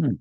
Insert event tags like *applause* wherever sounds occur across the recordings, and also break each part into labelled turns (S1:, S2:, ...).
S1: Mm.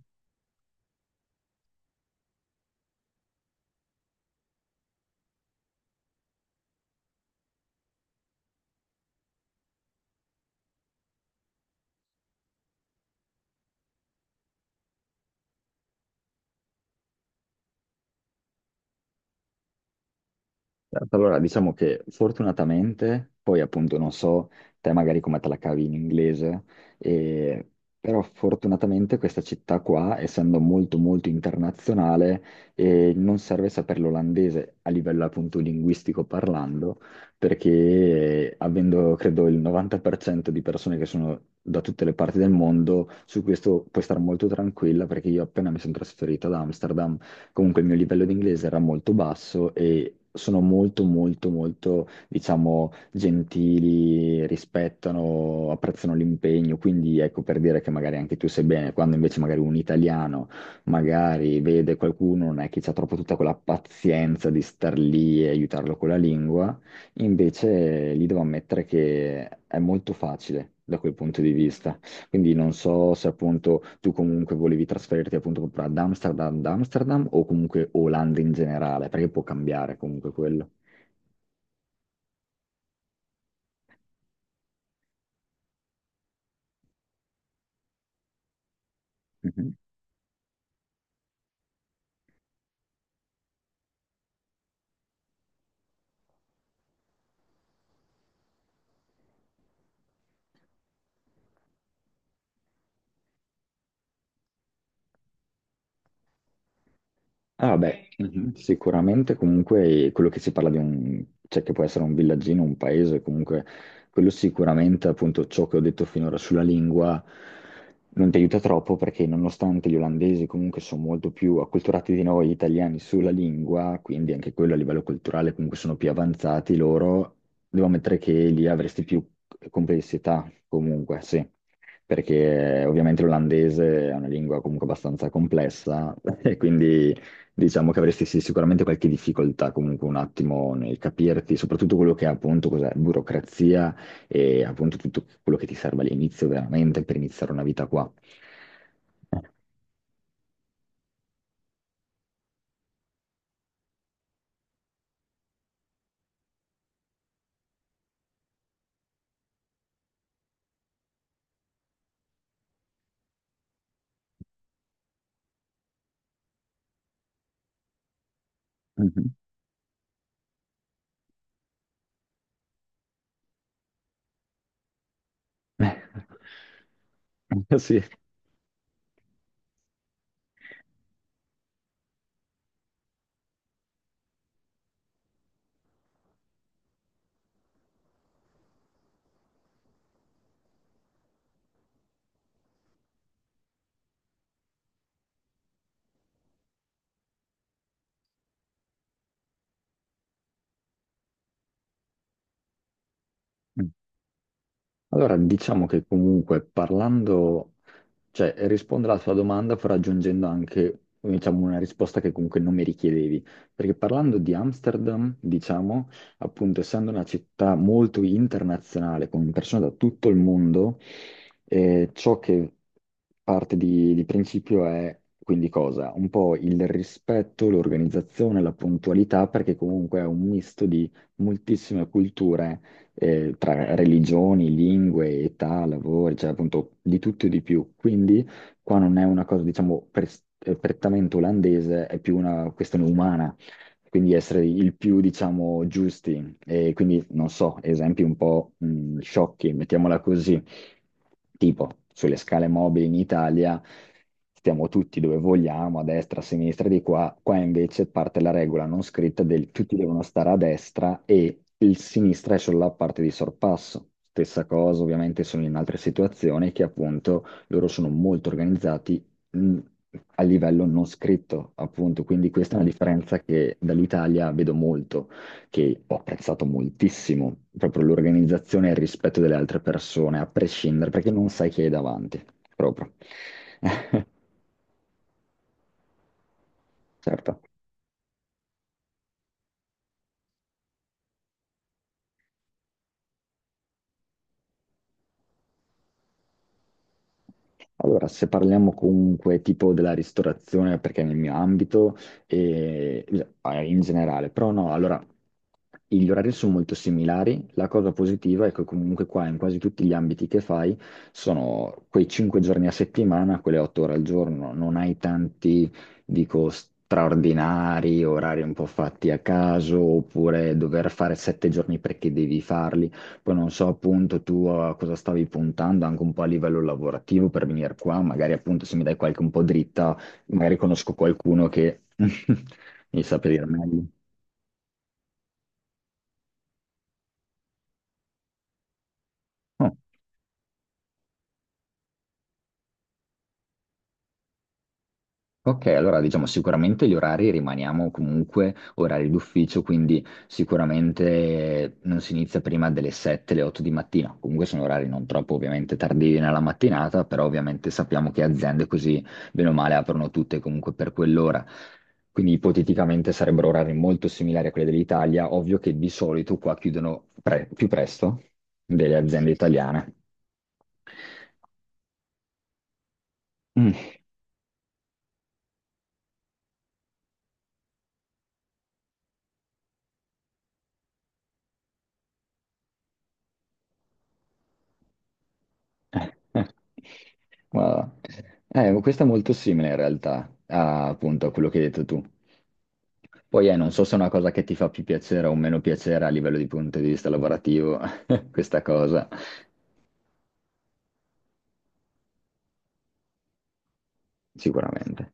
S1: Certo. Allora, diciamo che fortunatamente, poi appunto non so te magari come te la cavi in inglese, e- però fortunatamente questa città qua, essendo molto molto internazionale, non serve sapere l'olandese a livello appunto linguistico parlando, perché avendo credo il 90% di persone che sono da tutte le parti del mondo, su questo puoi stare molto tranquilla perché io appena mi sono trasferito ad Amsterdam, comunque il mio livello di inglese era molto basso e sono molto molto molto, diciamo, gentili, rispettano, apprezzano l'impegno, quindi ecco per dire che magari anche tu sei bene, quando invece magari un italiano magari vede qualcuno, non è che c'ha troppo tutta quella pazienza di star lì e aiutarlo con la lingua, invece lì devo ammettere che è molto facile da quel punto di vista. Quindi non so se appunto tu comunque volevi trasferirti appunto proprio ad Amsterdam o comunque Olanda in generale, perché può cambiare comunque quello. Ah beh, sicuramente comunque quello che si parla di un, cioè che può essere un villaggino, un paese, comunque quello sicuramente appunto ciò che ho detto finora sulla lingua non ti aiuta troppo perché nonostante gli olandesi comunque sono molto più acculturati di noi italiani sulla lingua, quindi anche quello a livello culturale comunque sono più avanzati loro, devo ammettere che lì avresti più complessità comunque, sì. Perché ovviamente l'olandese è una lingua comunque abbastanza complessa *laughs* e quindi diciamo che avresti sì, sicuramente qualche difficoltà comunque un attimo nel capirti, soprattutto quello che è appunto cos'è, burocrazia e appunto tutto quello che ti serve all'inizio veramente per iniziare una vita qua. Mhm. *laughs* Sì. Allora, diciamo che comunque parlando. Cioè, rispondo alla tua domanda però aggiungendo anche, diciamo, una risposta che comunque non mi richiedevi, perché parlando di Amsterdam, diciamo, appunto, essendo una città molto internazionale, con persone da tutto il mondo, e ciò che parte di principio è quindi cosa? Un po' il rispetto, l'organizzazione, la puntualità, perché comunque è un misto di moltissime culture, tra religioni, lingue, età, lavori, cioè appunto di tutto e di più. Quindi qua non è una cosa, diciamo, prettamente olandese, è più una questione umana. Quindi essere il più, diciamo, giusti. E quindi, non so, esempi un po' sciocchi, mettiamola così. Tipo, sulle scale mobili in Italia stiamo tutti dove vogliamo, a destra, a sinistra, di qua. Qua invece parte la regola non scritta del tutti devono stare a destra e il sinistra è solo la parte di sorpasso. Stessa cosa, ovviamente, sono in altre situazioni che appunto loro sono molto organizzati mh, a livello non scritto, appunto. Quindi questa è una differenza che dall'Italia vedo molto, che ho apprezzato moltissimo, proprio l'organizzazione e il rispetto delle altre persone, a prescindere, perché non sai chi hai davanti, proprio. *laughs* Eh, certo. Allora, se parliamo comunque tipo della ristorazione, perché è nel mio ambito, e in generale, però no, allora gli orari sono molto similari. La cosa positiva è che comunque qua in quasi tutti gli ambiti che fai sono quei 5 giorni a settimana, quelle 8 ore al giorno, non hai tanti, dico, straordinari, orari un po' fatti a caso, oppure dover fare 7 giorni perché devi farli. Poi non so appunto tu a cosa stavi puntando anche un po' a livello lavorativo per venire qua, magari appunto se mi dai qualche un po' dritta, magari conosco qualcuno che *laughs* mi saprà dire meglio. Oh, ok, allora diciamo sicuramente gli orari rimaniamo comunque orari d'ufficio, quindi sicuramente non si inizia prima delle 7, le 8 di mattina, comunque sono orari non troppo ovviamente tardivi nella mattinata, però ovviamente sappiamo che aziende così bene o male aprono tutte comunque per quell'ora. Quindi ipoteticamente sarebbero orari molto similari a quelli dell'Italia, ovvio che di solito qua chiudono più presto delle aziende italiane. Mm. *laughs* Ma, questo è molto simile in realtà appunto a quello che hai detto tu. Poi non so se è una cosa che ti fa più piacere o meno piacere a livello di punto di vista lavorativo, *laughs* questa cosa, sicuramente.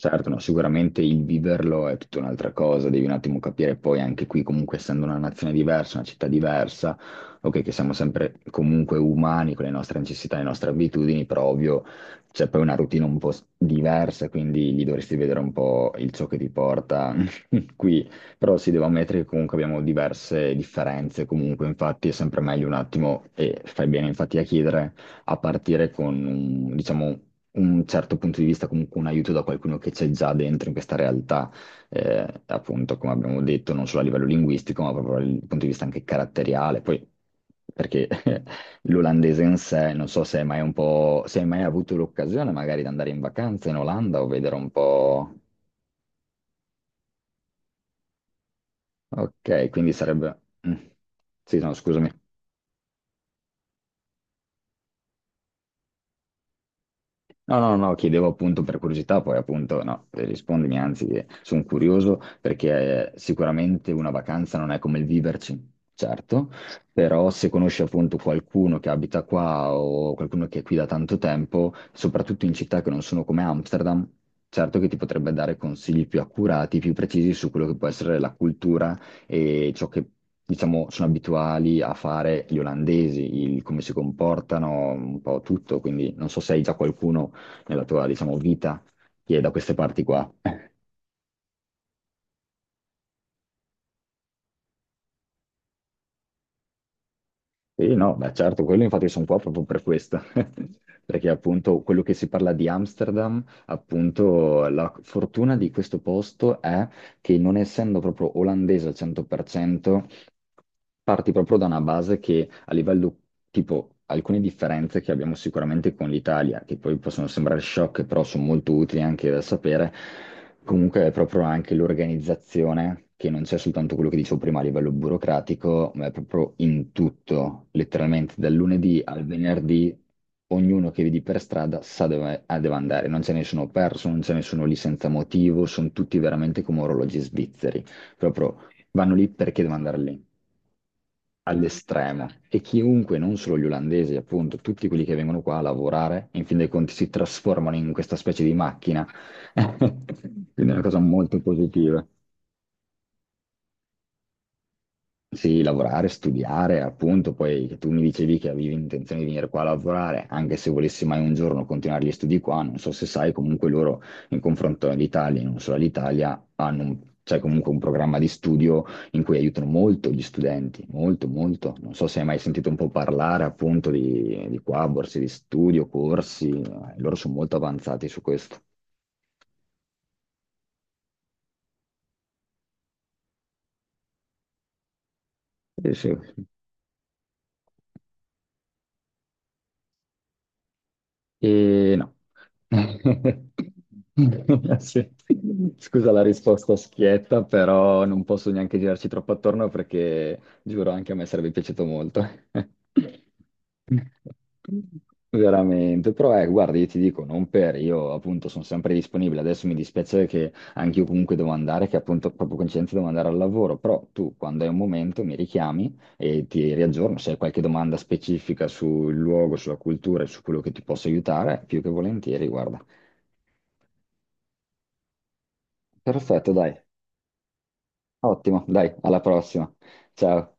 S1: Certo, no, sicuramente il viverlo è tutta un'altra cosa, devi un attimo capire poi anche qui, comunque essendo una nazione diversa, una città diversa, ok, che siamo sempre comunque umani con le nostre necessità, le nostre abitudini, però ovvio c'è poi una routine un po' diversa, quindi gli dovresti vedere un po' il ciò che ti porta *laughs* qui, però si deve ammettere che comunque abbiamo diverse differenze, comunque infatti è sempre meglio un attimo, e fai bene infatti a chiedere, a partire con un, diciamo, un certo punto di vista, comunque un aiuto da qualcuno che c'è già dentro in questa realtà, appunto, come abbiamo detto, non solo a livello linguistico, ma proprio dal punto di vista anche caratteriale. Poi, perché *laughs* l'olandese in sé, non so se hai mai un po', se hai mai avuto l'occasione magari di andare in vacanza in Olanda o vedere un po'... Ok, quindi sarebbe... mm. Sì, no, scusami. No, no, no, chiedevo appunto per curiosità, poi appunto no, rispondimi, anzi, sono curioso perché sicuramente una vacanza non è come il viverci, certo, però se conosci appunto qualcuno che abita qua o qualcuno che è qui da tanto tempo, soprattutto in città che non sono come Amsterdam, certo che ti potrebbe dare consigli più accurati, più precisi su quello che può essere la cultura e ciò che, diciamo, sono abituali a fare gli olandesi, il come si comportano, un po' tutto, quindi non so se hai già qualcuno nella tua, diciamo, vita che è da queste parti qua. *laughs* E no, beh, certo, quello infatti sono qua proprio per questo, *laughs* perché appunto quello che si parla di Amsterdam, appunto la fortuna di questo posto è che non essendo proprio olandese al 100%, parti proprio da una base che a livello tipo alcune differenze che abbiamo sicuramente con l'Italia, che poi possono sembrare shock, però sono molto utili anche da sapere, comunque è proprio anche l'organizzazione, che non c'è soltanto quello che dicevo prima a livello burocratico, ma è proprio in tutto, letteralmente dal lunedì al venerdì, ognuno che vedi per strada sa dove, ah, deve andare, non c'è nessuno perso, non c'è nessuno lì senza motivo, sono tutti veramente come orologi svizzeri, proprio vanno lì perché devono andare lì all'estremo e chiunque, non solo gli olandesi, appunto, tutti quelli che vengono qua a lavorare, in fin dei conti si trasformano in questa specie di macchina. *laughs* Quindi è una cosa molto positiva. Sì, lavorare, studiare, appunto, poi che tu mi dicevi che avevi intenzione di venire qua a lavorare, anche se volessi mai un giorno continuare gli studi qua, non so se sai, comunque loro in confronto all'Italia, e non solo all'Italia, hanno c'è comunque un programma di studio in cui aiutano molto gli studenti, molto, molto. Non so se hai mai sentito un po' parlare appunto di qua, borse di studio, corsi, loro sono molto avanzati su questo. Sì, sì. E no. *laughs* Sì. Scusa la risposta schietta, però non posso neanche girarci troppo attorno perché giuro anche a me sarebbe piaciuto molto. *laughs* Veramente, però guarda, io ti dico, non per, io appunto sono sempre disponibile, adesso mi dispiace che anche io comunque devo andare, che appunto proprio coincidente devo andare al lavoro, però tu quando hai un momento mi richiami e ti riaggiorno. Se hai qualche domanda specifica sul luogo, sulla cultura e su quello che ti posso aiutare, più che volentieri, guarda. Perfetto, dai. Ottimo, dai, alla prossima. Ciao.